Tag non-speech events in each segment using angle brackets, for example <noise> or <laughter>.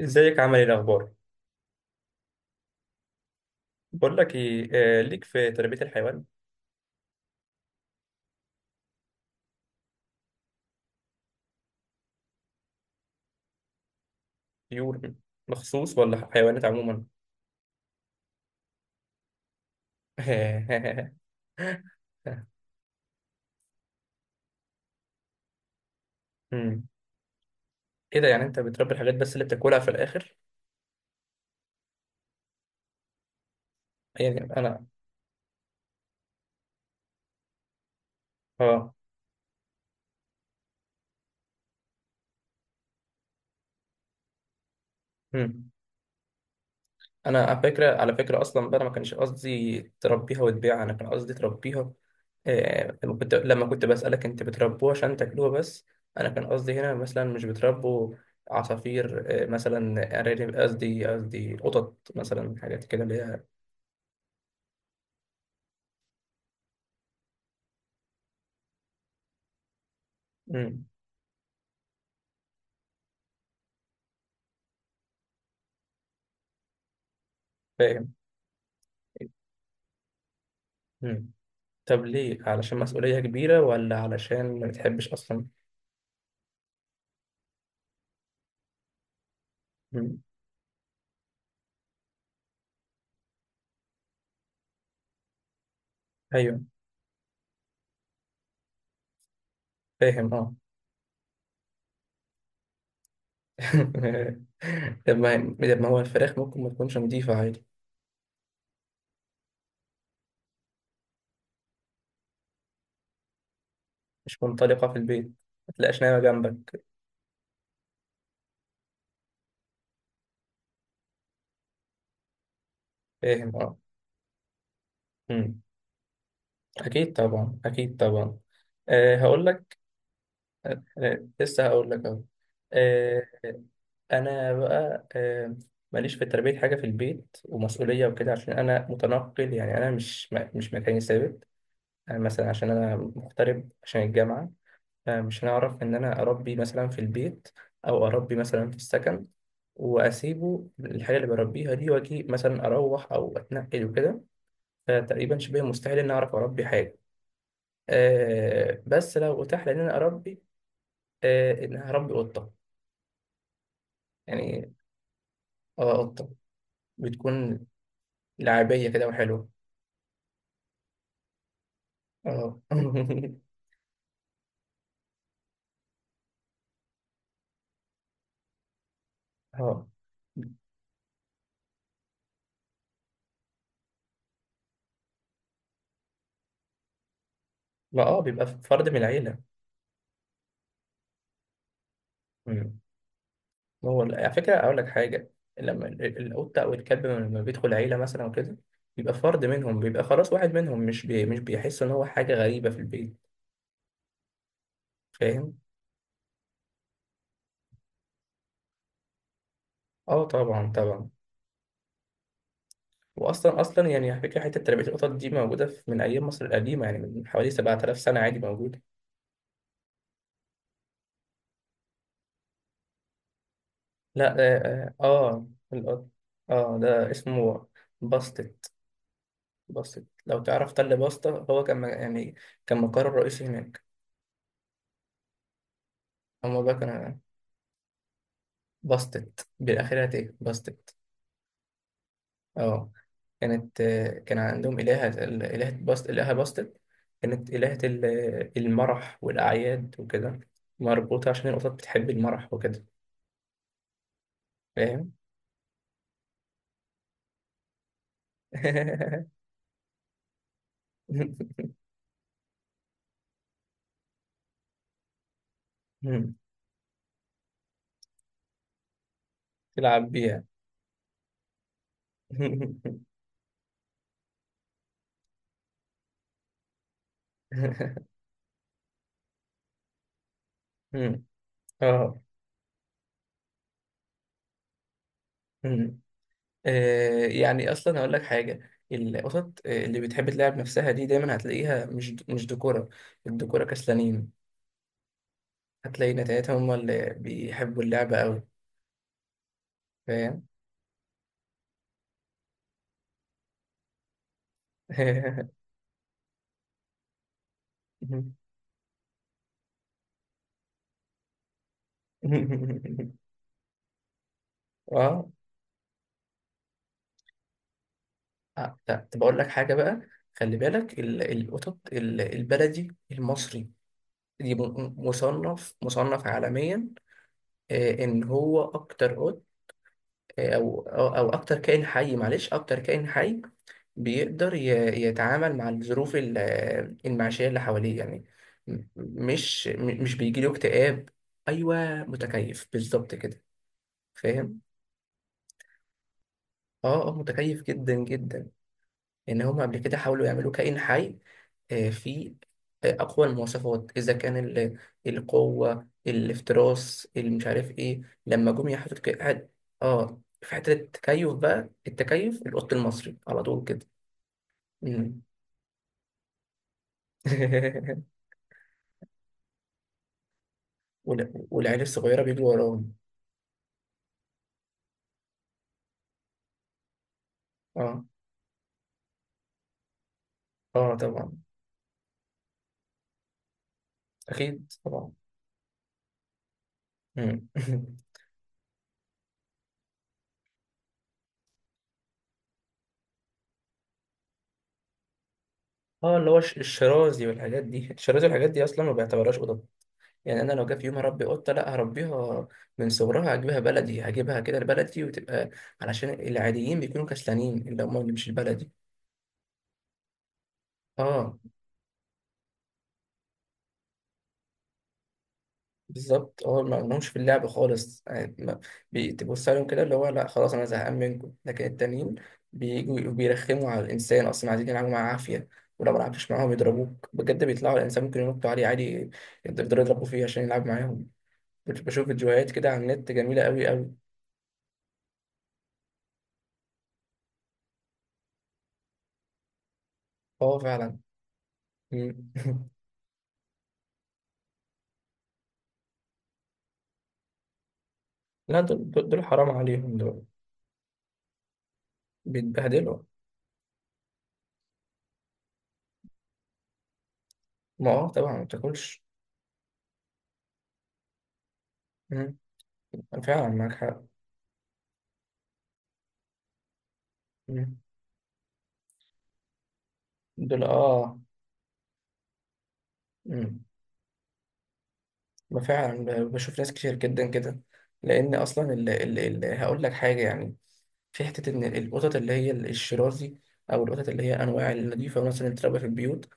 ازيك؟ عامل ايه؟ الاخبار؟ بقول لك ايه، ليك في تربية الحيوان؟ طيور مخصوص ولا حيوانات عموما؟ <laughs> مم. ايه ده؟ يعني انت بتربي الحاجات بس اللي بتاكلها في الاخر؟ يعني انا اه. مم. انا على فكره اصلا بقى، أنا ما كانش قصدي تربيها وتبيعها، انا كان قصدي تربيها. لما كنت بسألك انت بتربوه عشان تاكلوه بس، انا كان قصدي هنا مثلا مش بتربوا عصافير، مثلا ارانب، قصدي قطط، مثلا حاجات كده اللي هي. مم، فاهم. مم. طب ليه؟ علشان مسؤولية كبيرة ولا علشان ما بتحبش اصلا؟ مم. ايوه. فاهم اه. <laughs> طب ما طب ما هو الفراخ ممكن ما تكونش نظيفة عادي. مش منطلقة في البيت؟ متلاقيش نايمة جنبك؟ فاهم اه. أمم. أكيد طبعا، أكيد طبعا. أه هقول لك. لسه هقول لك أهو. أه. أنا بقى، ماليش في تربية حاجة في البيت ومسؤولية وكده، عشان أنا متنقل. يعني أنا مش مكاني ثابت. أنا مثلا عشان أنا مغترب عشان الجامعة، فمش هنعرف إن أنا أربي مثلا في البيت أو أربي مثلا في السكن وأسيبه الحاجة اللي بربيها دي، وأجي مثلا أروح أو أتنقل وكده. فتقريبا شبه مستحيل إني أعرف أربي حاجة. آه، بس لو أتاح لي إن أنا أربي، آه، إن هربي قطة يعني. آه، قطة بتكون لعبية كده وحلوة. آه. <laughs> آه. ما اه، بيبقى فرد من العيلة. مم. هو على فكرة أقول لك حاجة، لما القطة أو الكلب لما بيدخل عيلة مثلا وكده بيبقى فرد منهم، بيبقى خلاص واحد منهم، مش مش بيحس إن هو حاجة غريبة في البيت. فاهم؟ اه طبعا، طبعا. واصلا اصلا يعني على فكره، حته تربيه القطط دي موجوده في من ايام مصر القديمه، يعني من حوالي 7000 سنه عادي موجوده. لا اه اه. آه، القط، اه ده اسمه باستت. باستت لو تعرف، تل باستا هو كان، م- يعني كان مقر رئيسي هناك. هما بقى كانوا، باستت بالاخره، ايه باستت؟ اه. كانت، آه، كان عندهم الهه، الهه باست، الهه باستت. كانت الهه المرح والاعياد وكده، مربوطه عشان القطط بتحب المرح وكده. فاهم؟ <laughs> تلعب بيها. <laughs> اه. مم. آه، يعني اصلا هقول لك حاجه، القطط، آه، اللي بتحب تلعب نفسها دي دايما هتلاقيها مش دكوره. الدكوره كسلانين. هتلاقي نتايتهم هم اللي بيحبوا اللعبه قوي. فاهم. <laughs> اه. آه، لا طب اقول لك حاجه بقى، خلي بالك القطط البلدي المصري دي، م- مصنف عالميا، آه، ان هو اكتر قط، آه، او او أو اكتر كائن حي، معلش اكتر كائن حي بيقدر، ي- يتعامل مع الظروف، المعيشية اللي حواليه يعني. مش بيجيله اكتئاب. ايوه، متكيف بالظبط كده، فاهم. اه اه، متكيف جدا جدا. إن هم قبل كده حاولوا يعملوا كائن حي، آه، فيه، آه، أقوى المواصفات، إذا كان القوة، الافتراس، اللي مش عارف إيه، لما جم يحطوا، آه، في حتة التكيف بقى، التكيف القط المصري على طول كده. مم. <laughs> والعيال الصغيرة بيجوا وراهم. آه. آه طبعا. أكيد طبعا. مم. <laughs> آه، اللي هو الشرازي والحاجات دي، الشرازي والحاجات دي أصلا ما بيعتبرهاش قطط. يعني انا لو جه في يوم هربي قطه، لا هربيها من صغرها، هجيبها بلدي، هجيبها كده لبلدي وتبقى، علشان العاديين بيكونوا كسلانين، اللي هم اللي مش البلدي. اه، بالظبط. اه ما لهمش في اللعب خالص يعني، بتبص عليهم كده اللي هو، لا خلاص انا زهقان منكم. لكن التانيين بيجوا بيرخموا على الانسان، اصلا عايزين يلعبوا معاه عافيه، ولو ما لعبتش معاهم يضربوك بجد، بيطلعوا على الانسان، ممكن ينطوا عليه عادي، يقدروا يضربوا فيه عشان يلعب معاهم. بشوف فيديوهات كده على النت جميله قوي قوي. اه فعلا. مم. <laughs> لا دول حرام عليهم. دول بيتبهدلوا. ما اه طبعا ما بتاكلش. مم. فعلا معاك حق. مم. دول اه. مم. ما فعلا، بشوف ناس كتير جدا كده. لان اصلا، ال ال ال هقول لك حاجه يعني، في حته ان القطط اللي هي الشرازي او القطط اللي هي انواع النظيفه مثلا، اللي بتتربى في البيوت،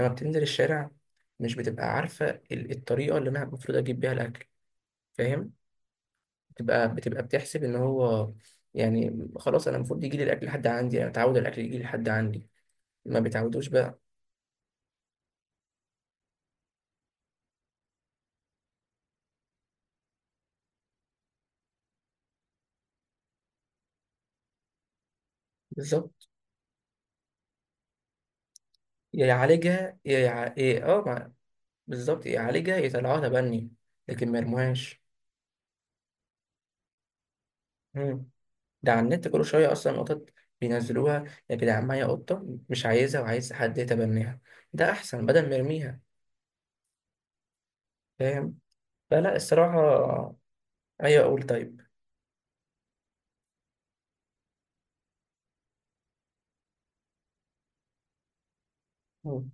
لما بتنزل الشارع مش بتبقى عارفه الطريقه اللي انا المفروض اجيب بيها الاكل. فاهم؟ بتبقى بتحسب ان هو، يعني خلاص انا المفروض يجي لي الاكل لحد عندي، انا متعود الاكل يجي لي لحد عندي. ما بيتعودوش بقى. بالظبط، يا يعالجها يا يع... إيه اه ما... بالظبط، يا يعالجها يا يطلعوها تبني، لكن ما يرموهاش. مم. ده على النت كل شويه اصلا قطط بينزلوها: يا جدعان معايا قطه مش عايزها، وعايز حد يتبناها. ده احسن بدل ما يرميها. فاهم. فلا الصراحه. ايوه، اقول طيب. مم.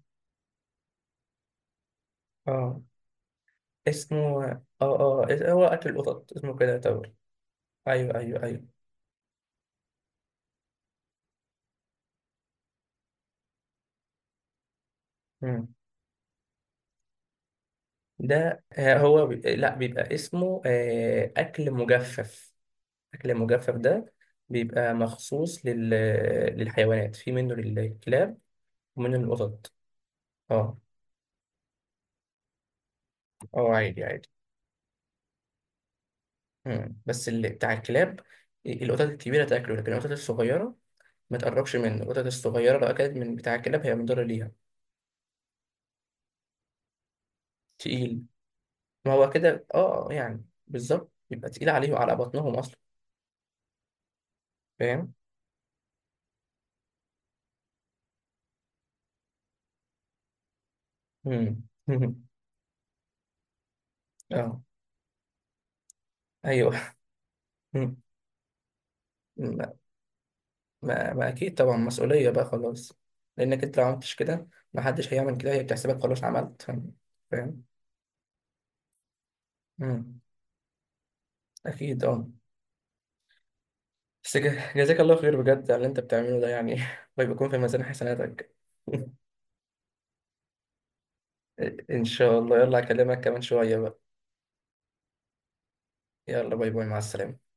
اه، اسمه، اه اه، هو اكل القطط اسمه كده يعتبر. ايوه ايوه ايوه. مم. ده، آه، هو لا، بيبقى اسمه، آه، اكل مجفف. اكل مجفف ده بيبقى مخصوص للحيوانات. في منه للكلاب ومنه للقطط. اه اه، عادي عادي. مم. بس اللي بتاع الكلاب، القطط الكبيره تاكله، لكن القطط الصغيره ما تقربش منه. القطط الصغيره لو اكلت من بتاع الكلاب هي مضره ليها، تقيل. ما هو كده اه، آه، يعني بالظبط، يبقى تقيل عليه وعلى بطنهم اصلا. فاهم. مم. <laughs> اه. ايوه. <laughs> ما, ما, ما اكيد طبعا، مسؤوليه بقى خلاص. لانك انت لو عملتش كده، ما حدش هيعمل كده. هي بتحسبك خلاص عملت، فاهم. فاهم؟ امم. اكيد اه. بس جزاك الله خير بجد على اللي انت بتعمله ده يعني، <laughs> ويكون في ميزان حسناتك. <laughs> ان شاء الله، يلا اكلمك كمان شويه بقى. يلا، باي باي، مع السلامه.